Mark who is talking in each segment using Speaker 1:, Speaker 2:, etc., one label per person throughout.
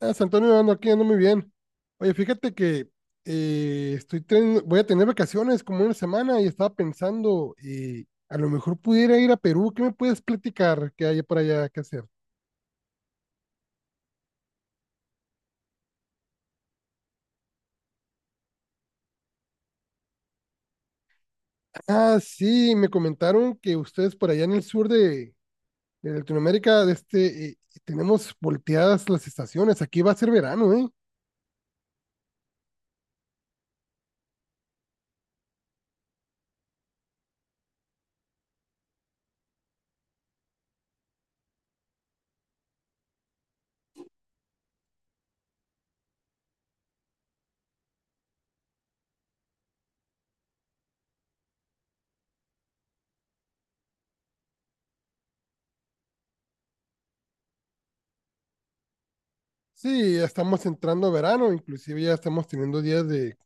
Speaker 1: Ah, San Antonio ando aquí, ando muy bien. Oye, fíjate que voy a tener vacaciones como una semana y estaba pensando, a lo mejor pudiera ir a Perú. ¿Qué me puedes platicar que haya por allá que hacer? Ah, sí, me comentaron que ustedes por allá en el sur de Latinoamérica, de este, tenemos volteadas las estaciones. Aquí va a ser verano, ¿eh? Sí, ya estamos entrando a verano, inclusive ya estamos teniendo días de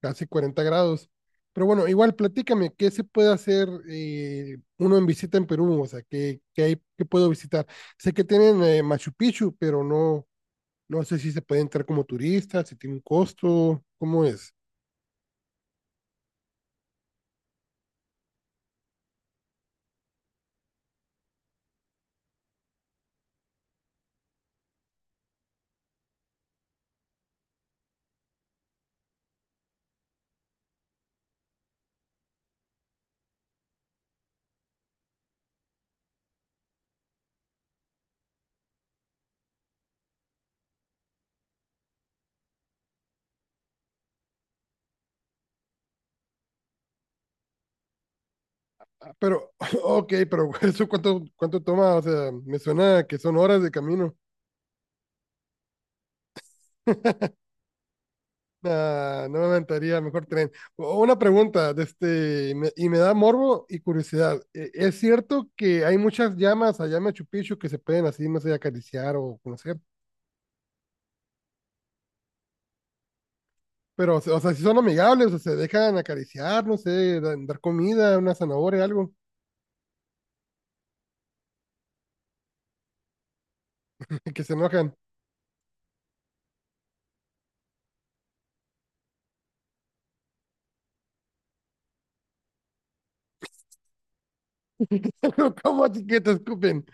Speaker 1: casi 40 grados. Pero bueno, igual platícame, ¿qué se puede hacer uno en visita en Perú? O sea, ¿qué, qué hay, qué puedo visitar? Sé que tienen Machu Picchu, pero no sé si se puede entrar como turista, si tiene un costo, ¿cómo es? Ah, pero, ok, pero ¿eso cuánto toma? O sea, me suena que son horas de camino. Ah, no me aventaría, mejor tren. Una pregunta, de este, y me da morbo y curiosidad. ¿Es cierto que hay muchas llamas allá en Machu Picchu que se pueden así, no sé, acariciar o conocer? Pero, o sea, si son amigables, o se dejan acariciar, no sé, dar comida, una zanahoria, algo, que se enojan. ¿Cómo así que te escupen?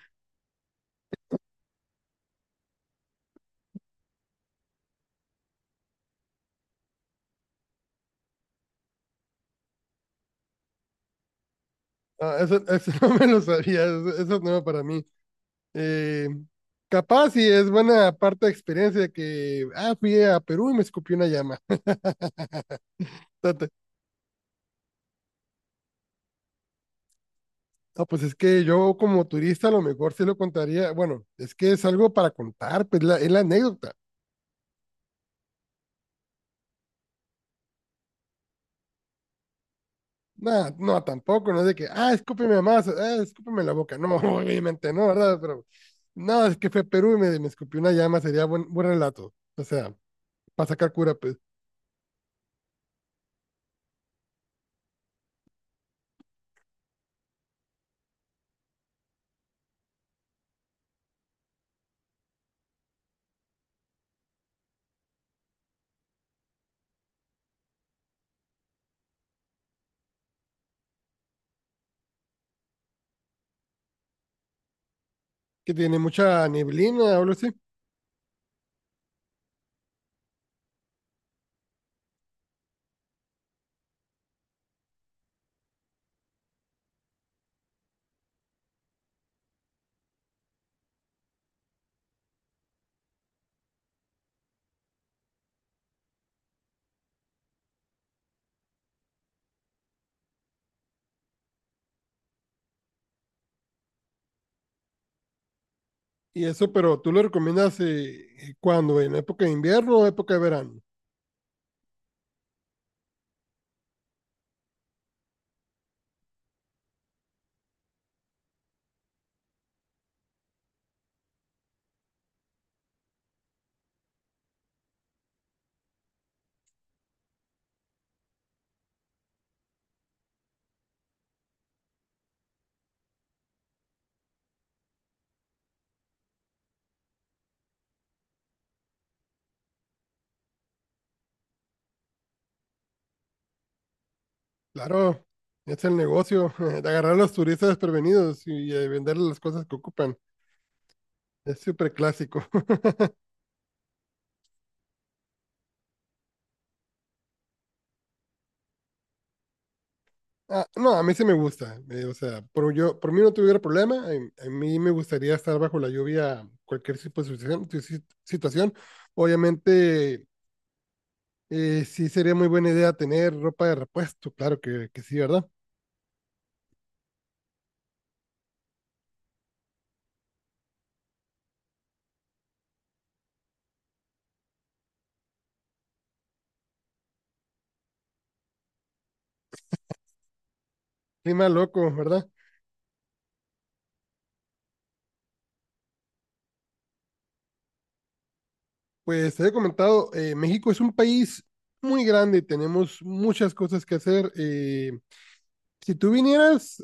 Speaker 1: Ah, eso no me lo sabía, eso es nuevo para mí. Eh, Capaz y es buena parte de experiencia que, ah, fui a Perú y me escupió una llama. Está No, pues es que yo como turista a lo mejor sí lo contaría. Bueno, es que es algo para contar, pues es la anécdota. No, no, tampoco, no es de que, ah, escúpeme más, ah, escúpeme la boca. No, obviamente no, ¿verdad? Pero no, es que fue a Perú y me escupió una llama, sería buen, buen relato. O sea, para sacar cura, pues, que tiene mucha neblina o algo así. Y eso, pero tú lo recomiendas cuando, en época de invierno o época de verano. Claro, es el negocio, de agarrar a los turistas desprevenidos y venderles las cosas que ocupan. Es súper clásico. Ah, no, a mí sí me gusta. O sea, por, yo, por mí no tuviera problema. A mí me gustaría estar bajo la lluvia cualquier tipo de situación. Situación. Obviamente, sí sería muy buena idea tener ropa de repuesto. Claro que sí, ¿verdad? Clima loco, ¿verdad? Pues te he comentado, México es un país muy grande y tenemos muchas cosas que hacer. Si tú vinieras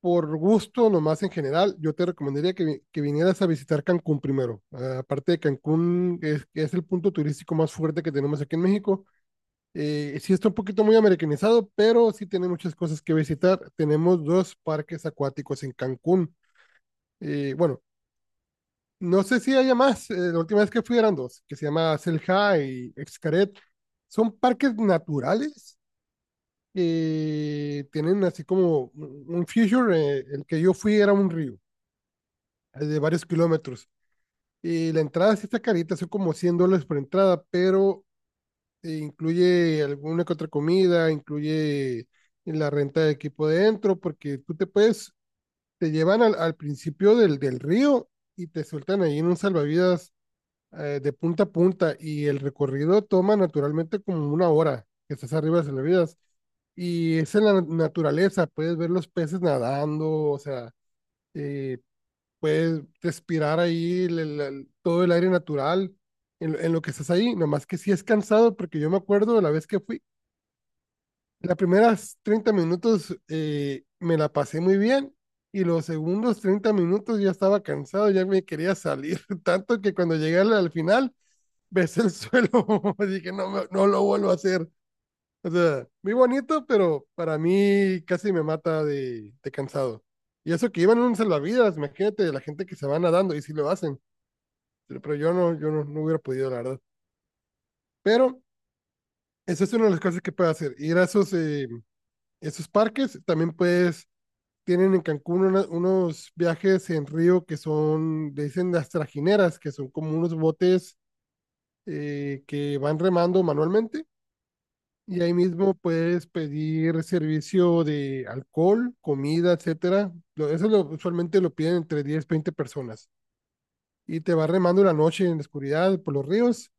Speaker 1: por gusto, nomás en general, yo te recomendaría que vinieras a visitar Cancún primero. Ah, aparte de Cancún, es el punto turístico más fuerte que tenemos aquí en México. Sí está un poquito muy americanizado, pero sí tiene muchas cosas que visitar. Tenemos dos parques acuáticos en Cancún. Bueno, no sé si haya más. La última vez que fui eran dos, que se llama Selja y Xcaret. Son parques naturales. Tienen así como un feature. El que yo fui era un río de varios kilómetros. Y la entrada sí está carita, son como $100 por entrada, pero incluye alguna que otra comida, incluye la renta de equipo dentro, porque tú te puedes, te llevan al principio del río y te sueltan ahí en un salvavidas de punta a punta y el recorrido toma naturalmente como una hora que estás arriba de salvavidas. Y es en la naturaleza, puedes ver los peces nadando, o sea, eh, puedes respirar ahí todo el aire natural en lo que estás ahí, nomás que sí es cansado porque yo me acuerdo de la vez que fui, las primeras 30 minutos me la pasé muy bien y los segundos 30 minutos ya estaba cansado, ya me quería salir, tanto que cuando llegué al final besé el suelo, dije no, no lo vuelvo a hacer. O sea, muy bonito, pero para mí casi me mata de cansado. Y eso que iban en un salvavidas, imagínate la gente que se va nadando y si lo hacen. Pero yo no, no hubiera podido, la verdad. Pero esa es una de las cosas que puedes hacer. Ir a esos parques. También puedes, tienen en Cancún unos viajes en río que son, le dicen las trajineras, que son como unos botes que van remando manualmente. Y ahí mismo puedes pedir servicio de alcohol, comida, etcétera. Eso usualmente lo piden entre 10-20 personas. Y te va remando la noche en la oscuridad por los ríos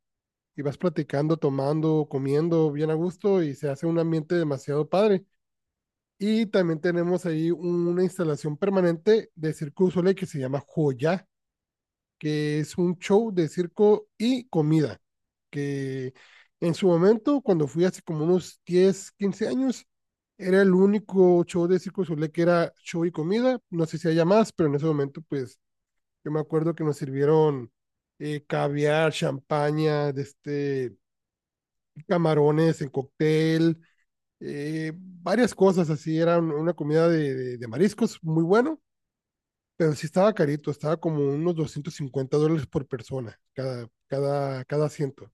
Speaker 1: y vas platicando, tomando, comiendo bien a gusto y se hace un ambiente demasiado padre. Y también tenemos ahí una instalación permanente de Circo du Soleil que se llama Joya, que es un show de circo y comida, que en su momento, cuando fui hace como unos 10-15 años, era el único show de Circo du Soleil que era show y comida. No sé si haya más, pero en ese momento, pues, yo me acuerdo que nos sirvieron caviar, champaña, de este, camarones en cóctel, varias cosas así. Era una comida de mariscos muy bueno, pero sí estaba carito, estaba como unos $250 por persona, cada asiento.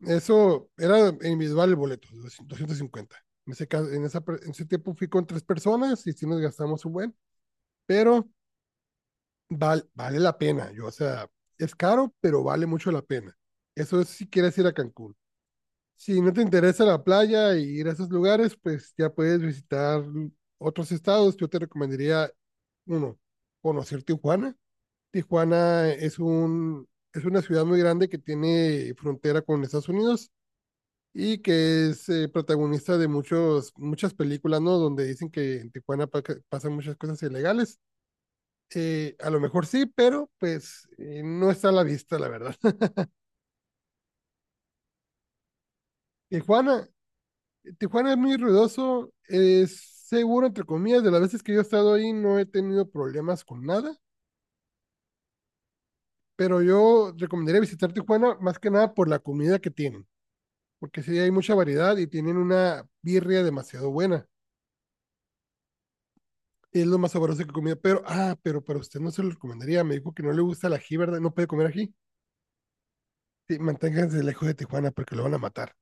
Speaker 1: Eso era individual el boleto, 250. En ese caso, en esa, en ese tiempo fui con tres personas y sí nos gastamos un buen, pero vale la pena. Yo, o sea, es caro, pero vale mucho la pena. Eso es si quieres ir a Cancún. Si no te interesa la playa y ir a esos lugares, pues ya puedes visitar otros estados. Yo te recomendaría, uno, conocer Tijuana. Tijuana es una ciudad muy grande que tiene frontera con Estados Unidos y que es protagonista de muchas películas, ¿no? Donde dicen que en Tijuana que pasan muchas cosas ilegales. A lo mejor sí, pero pues no está a la vista, la verdad. Tijuana Tijuana es muy ruidoso, es seguro, entre comillas, de las veces que yo he estado ahí no he tenido problemas con nada, pero yo recomendaría visitar Tijuana más que nada por la comida que tienen, porque sí hay mucha variedad y tienen una birria demasiado buena. Es lo más sabroso que he comido, pero para usted no se lo recomendaría, me dijo que no le gusta el ají, ¿verdad? No puede comer ají. Sí, manténganse lejos de Tijuana porque lo van a matar.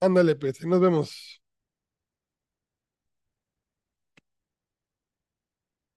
Speaker 1: Ándale, pues, ahí nos vemos.